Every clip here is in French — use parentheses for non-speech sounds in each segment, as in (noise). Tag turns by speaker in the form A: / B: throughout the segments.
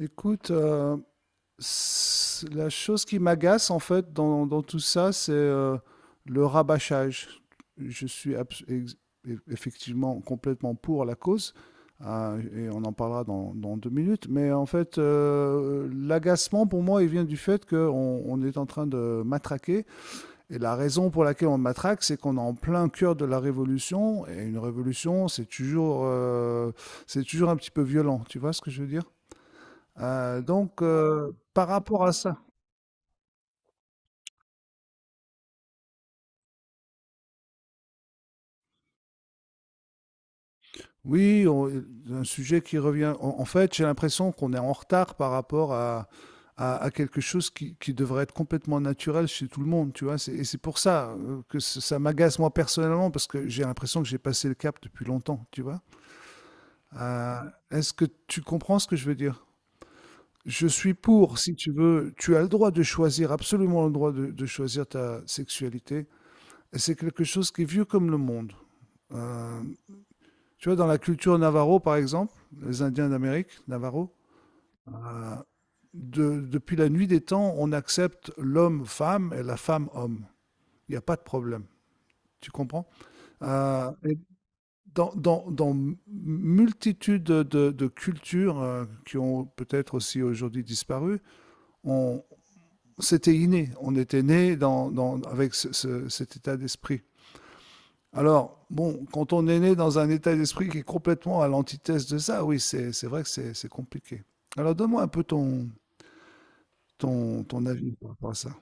A: Écoute, euh, la chose qui m'agace en fait dans tout ça, c'est le rabâchage. Je suis abs- ex- eff- Effectivement complètement pour la cause, et on en parlera dans deux minutes, mais en fait, l'agacement pour moi, il vient du fait qu'on on est en train de matraquer, et la raison pour laquelle on matraque, c'est qu'on est en plein cœur de la révolution, et une révolution, c'est c'est toujours un petit peu violent, tu vois ce que je veux dire? Par rapport à ça, oui, un sujet qui revient. En fait, j'ai l'impression qu'on est en retard par rapport à, à quelque chose qui devrait être complètement naturel chez tout le monde, tu vois. Et c'est pour ça que ça m'agace moi personnellement, parce que j'ai l'impression que j'ai passé le cap depuis longtemps, tu vois. Euh, Est-ce que tu comprends ce que je veux dire? Je suis pour, si tu veux, tu as le droit de choisir, absolument le droit de choisir ta sexualité. Et c'est quelque chose qui est vieux comme le monde. Euh, Tu vois, dans la culture navarro, par exemple, les Indiens d'Amérique, navarro, euh, depuis la nuit des temps, on accepte l'homme-femme et la femme-homme. Il n'y a pas de problème. Tu comprends? Euh, et multitude de, de cultures qui ont peut-être aussi aujourd'hui disparu, on, c'était inné. On était né avec cet état d'esprit. Alors, bon, quand on est né dans un état d'esprit qui est complètement à l'antithèse de ça, oui, c'est vrai que c'est compliqué. Alors donne-moi un peu ton ton avis par rapport à ça.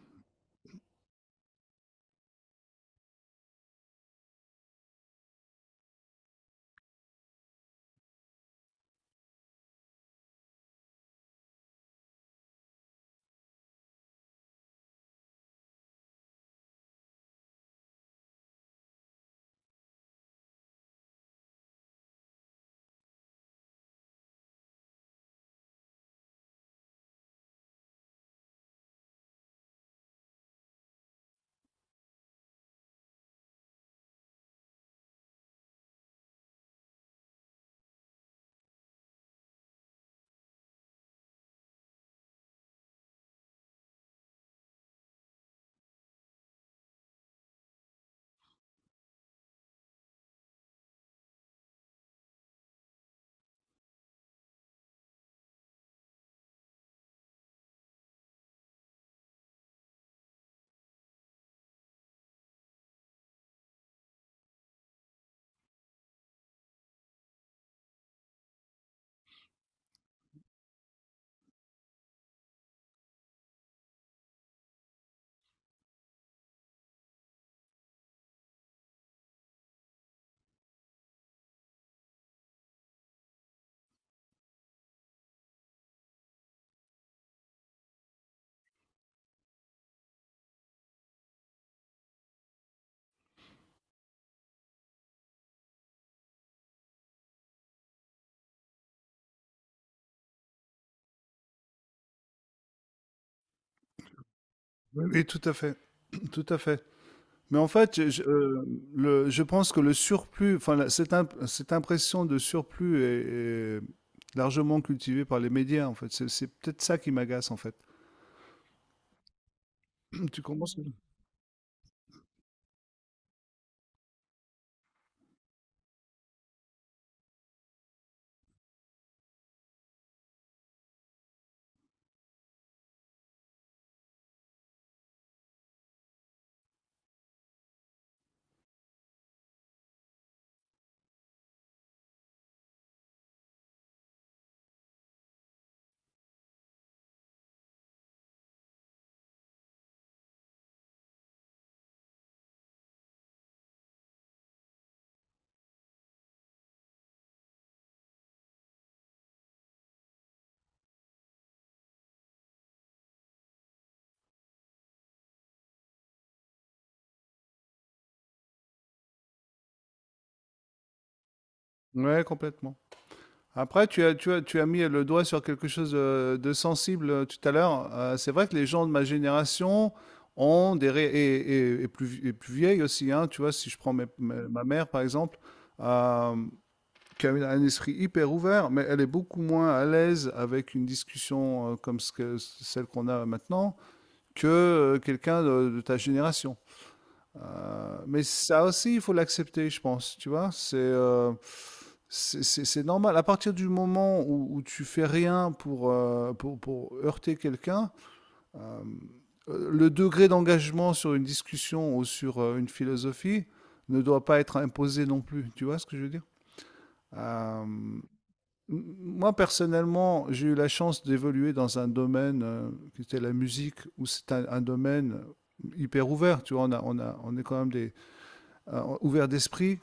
A: Oui, oui, tout à fait, tout à fait. Mais en fait, je pense que le surplus, enfin, cette impression de surplus est largement cultivée par les médias, en fait. C'est peut-être ça qui m'agace, en fait. (clears throat) Tu commences? Ouais, complètement. Après, tu as mis le doigt sur quelque chose de sensible tout à l'heure. C'est vrai que les gens de ma génération ont des ré- et plus vieilles aussi, hein. Tu vois, si je prends ma mère par exemple, euh, qui a un esprit hyper ouvert, mais elle est beaucoup moins à l'aise avec une discussion comme celle qu'on a maintenant que quelqu'un de ta génération. Mais ça aussi, il faut l'accepter, je pense. Tu vois, c'est normal. À partir du moment où tu fais rien pour, pour heurter quelqu'un, euh, le degré d'engagement sur une discussion ou sur une philosophie ne doit pas être imposé non plus. Tu vois ce que je veux dire? Euh, m- Moi, personnellement, j'ai eu la chance d'évoluer dans un domaine qui était la musique, où c'est un domaine hyper ouvert. Tu vois, on est quand même des ouvert d'esprit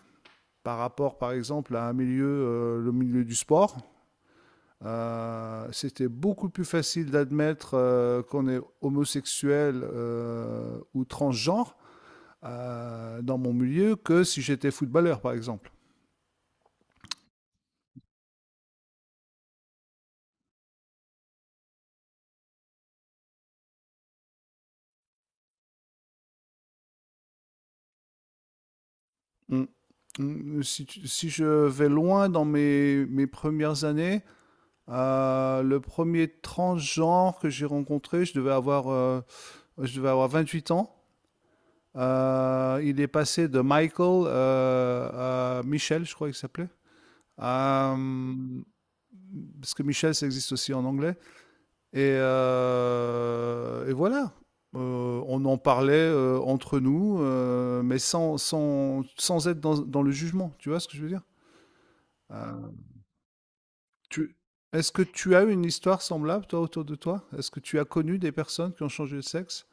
A: par rapport, par exemple, à un milieu, le milieu du sport. C'était beaucoup plus facile d'admettre qu'on est homosexuel ou transgenre dans mon milieu que si j'étais footballeur, par exemple. Mm. Mm. Si, si, je vais loin dans mes premières années, le premier transgenre que j'ai rencontré, je devais je devais avoir 28 ans. Il est passé de Michael à Michel, je crois qu'il s'appelait. Euh, Parce que Michel, ça existe aussi en anglais. Et voilà. On en parlait entre nous, mais sans être dans le jugement. Tu vois ce que je veux dire? Euh, tu, est-ce que tu as une histoire semblable, toi, autour de toi? Est-ce que tu as connu des personnes qui ont changé de sexe?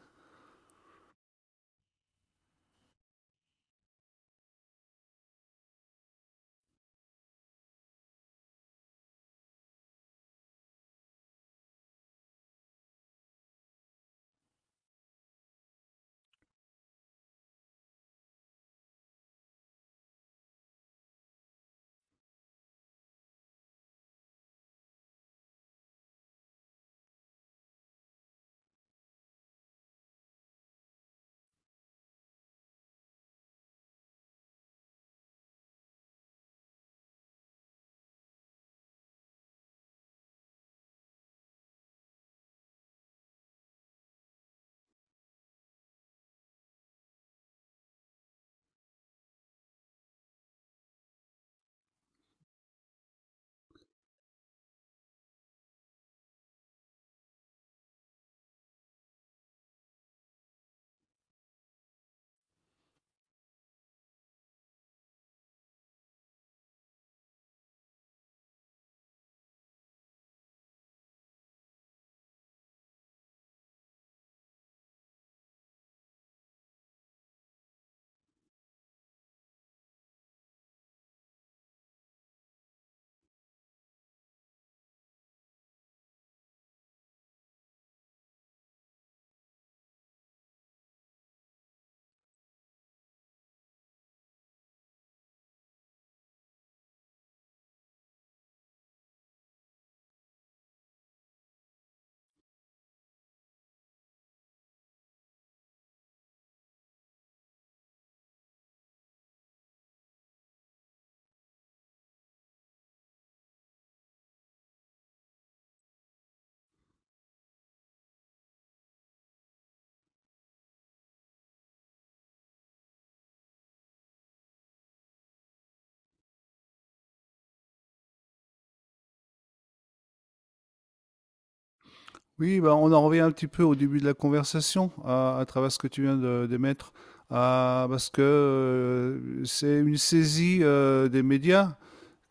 A: Oui, bah, on en revient un petit peu au début de la conversation, à travers ce que tu viens de d'émettre, parce que c'est une saisie des médias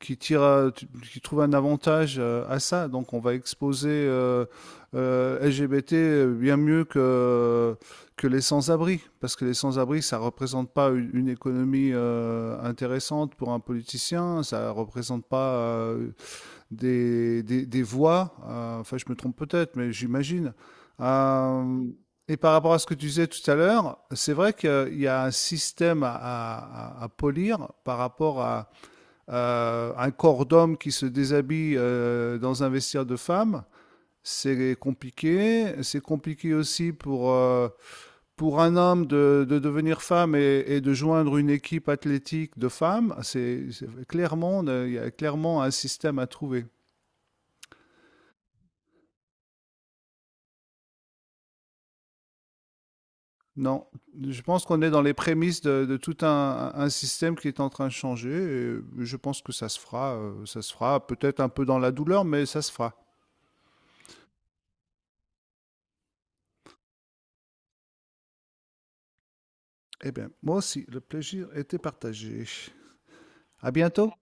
A: qui tire, qui trouve un avantage à ça. Donc, on va exposer LGBT bien mieux que les sans-abri, parce que les sans-abri, ça représente pas une économie intéressante pour un politicien, ça représente pas des voix, enfin je me trompe peut-être, mais j'imagine. Euh, et par rapport à ce que tu disais tout à l'heure, c'est vrai qu'il y a un système à, polir par rapport à un corps d'homme qui se déshabille dans un vestiaire de femme. C'est compliqué. C'est compliqué aussi pour un homme de devenir femme et de joindre une équipe athlétique de femmes. Clairement, il y a clairement un système à trouver. Non, je pense qu'on est dans les prémices de tout un système qui est en train de changer et je pense que ça se fera peut-être un peu dans la douleur, mais ça se fera. Eh bien, moi aussi, le plaisir était partagé. À bientôt.